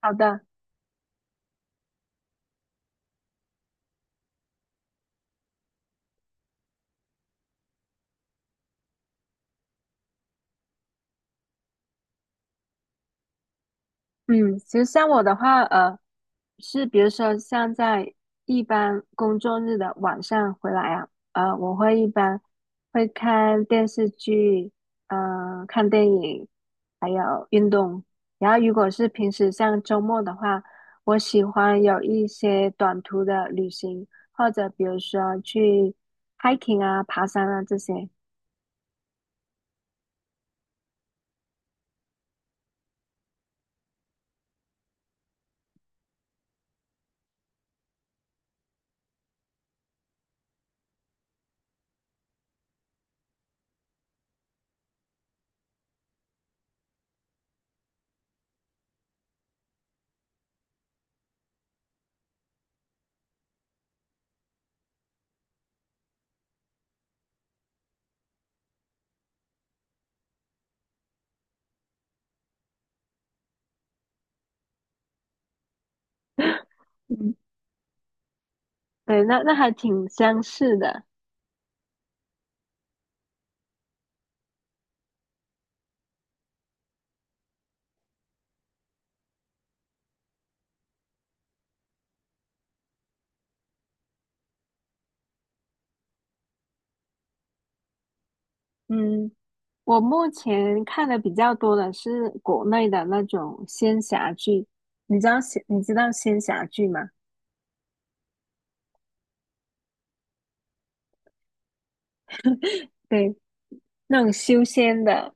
好的。嗯，其实像我的话，是比如说像在一般工作日的晚上回来啊，我会一般会看电视剧，看电影，还有运动。然后如果是平时像周末的话，我喜欢有一些短途的旅行，或者比如说去 hiking 啊、爬山啊这些。嗯，对，那还挺相似的。嗯。我目前看的比较多的是国内的那种仙侠剧，你知道仙侠剧吗？对，那种修仙的。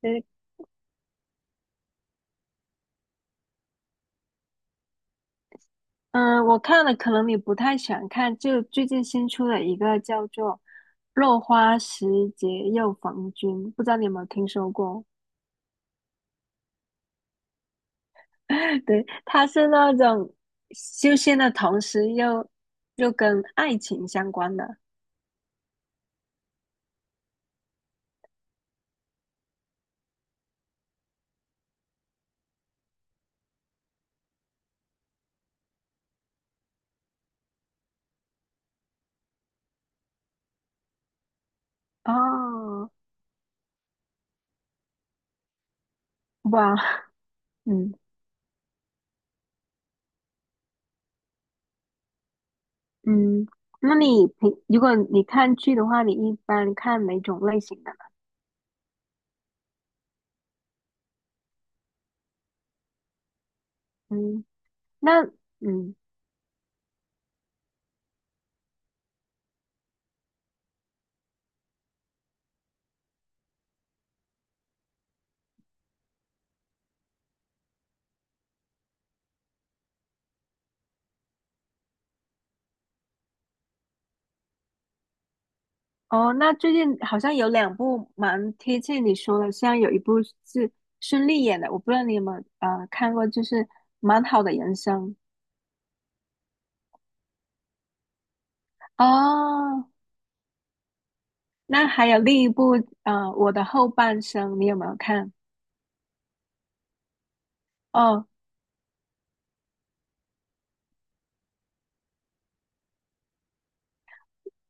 对。嗯，我看了，可能你不太喜欢看，就最近新出了一个叫做《落花时节又逢君》，不知道你有没有听说过？对，它是那种修仙的同时又跟爱情相关的。哦，哇，嗯。嗯，那你平，如果你看剧的话，你一般看哪种类型的呢？嗯。那嗯。哦，那最近好像有两部蛮贴切你说的，像有一部是孙俪演的，我不知道你有没有看过，就是《蛮好的人生》。哦。那还有另一部啊，《我的后半生》，你有没有看？哦，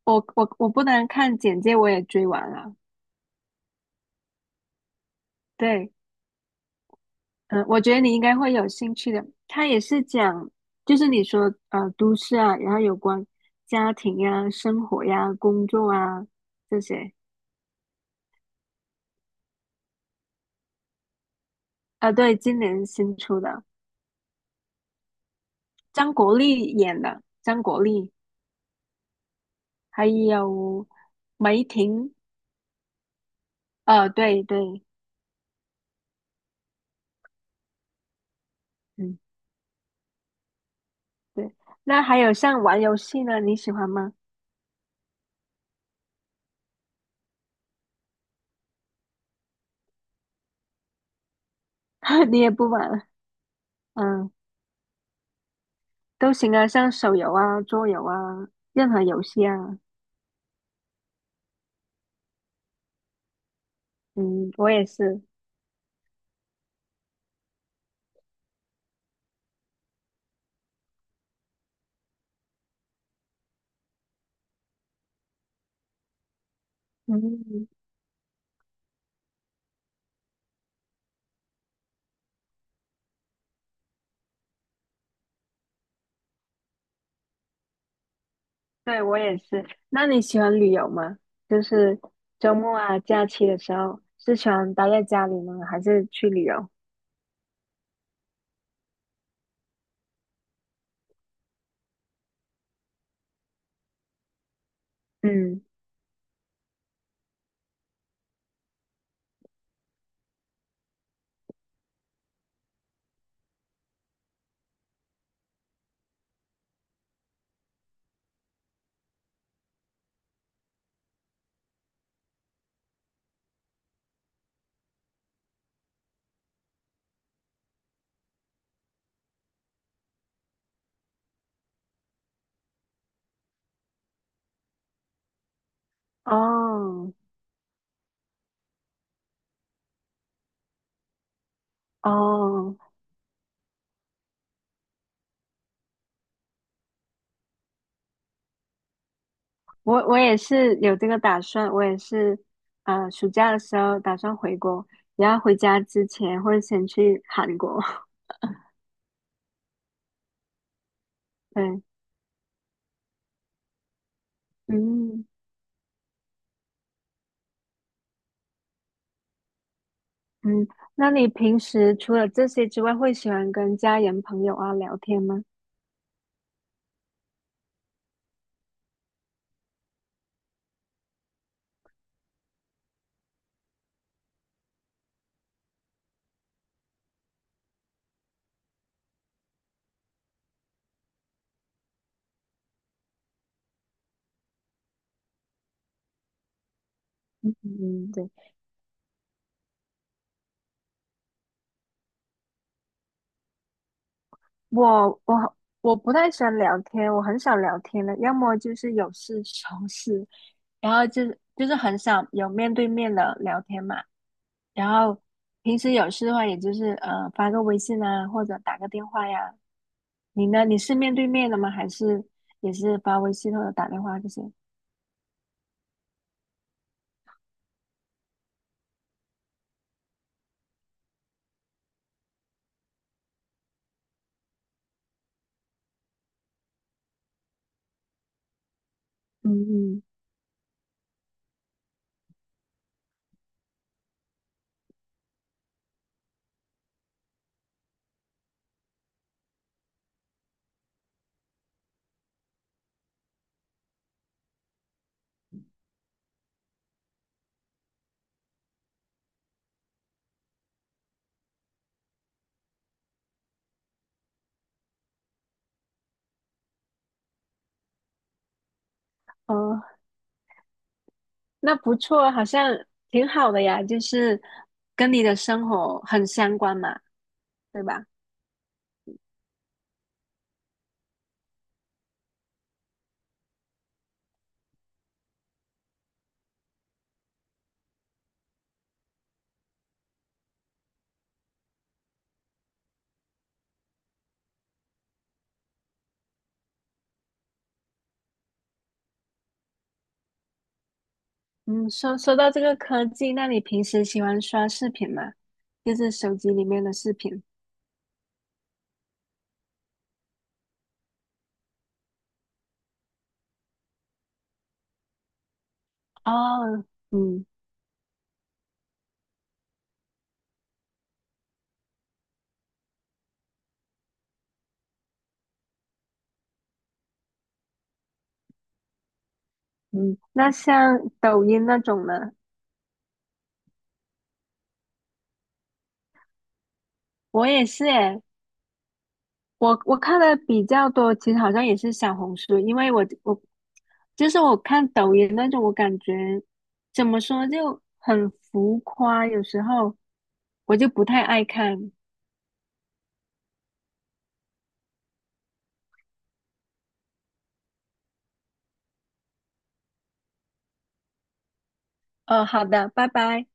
我不能看简介，我也追完了。对。嗯，我觉得你应该会有兴趣的。它也是讲，就是你说都市啊，然后有关家庭呀、生活呀、工作啊这些。啊，对，今年新出的，张国立演的，张国立，还有梅婷。啊，对对。嗯，对。那还有像玩游戏呢，你喜欢吗？你也不玩。嗯，都行啊，像手游啊、桌游啊，任何游戏啊。嗯，我也是。嗯。对，我也是。那你喜欢旅游吗？就是周末啊、假期的时候，是喜欢待在家里呢，还是去旅游？嗯。哦哦，我我也是有这个打算，我也是，啊，暑假的时候打算回国，然后回家之前会先去韩国。对。嗯嗯，那你平时除了这些之外，会喜欢跟家人朋友啊聊天吗？嗯，对。我我我不太喜欢聊天，我很少聊天的，要么就是有事求事，然后就是很少有面对面的聊天嘛。然后平时有事的话，也就是发个微信啊，或者打个电话呀。你呢？你是面对面的吗？还是也是发微信或者打电话这些？嗯嗯。哦，那不错，好像挺好的呀，就是跟你的生活很相关嘛，对吧？嗯，说说到这个科技，那你平时喜欢刷视频吗？就是手机里面的视频。哦。嗯嗯，那像抖音那种呢，我也是诶，我我看的比较多，其实好像也是小红书，因为我我就是我看抖音那种，我感觉怎么说就很浮夸，有时候我就不太爱看。好的，拜拜。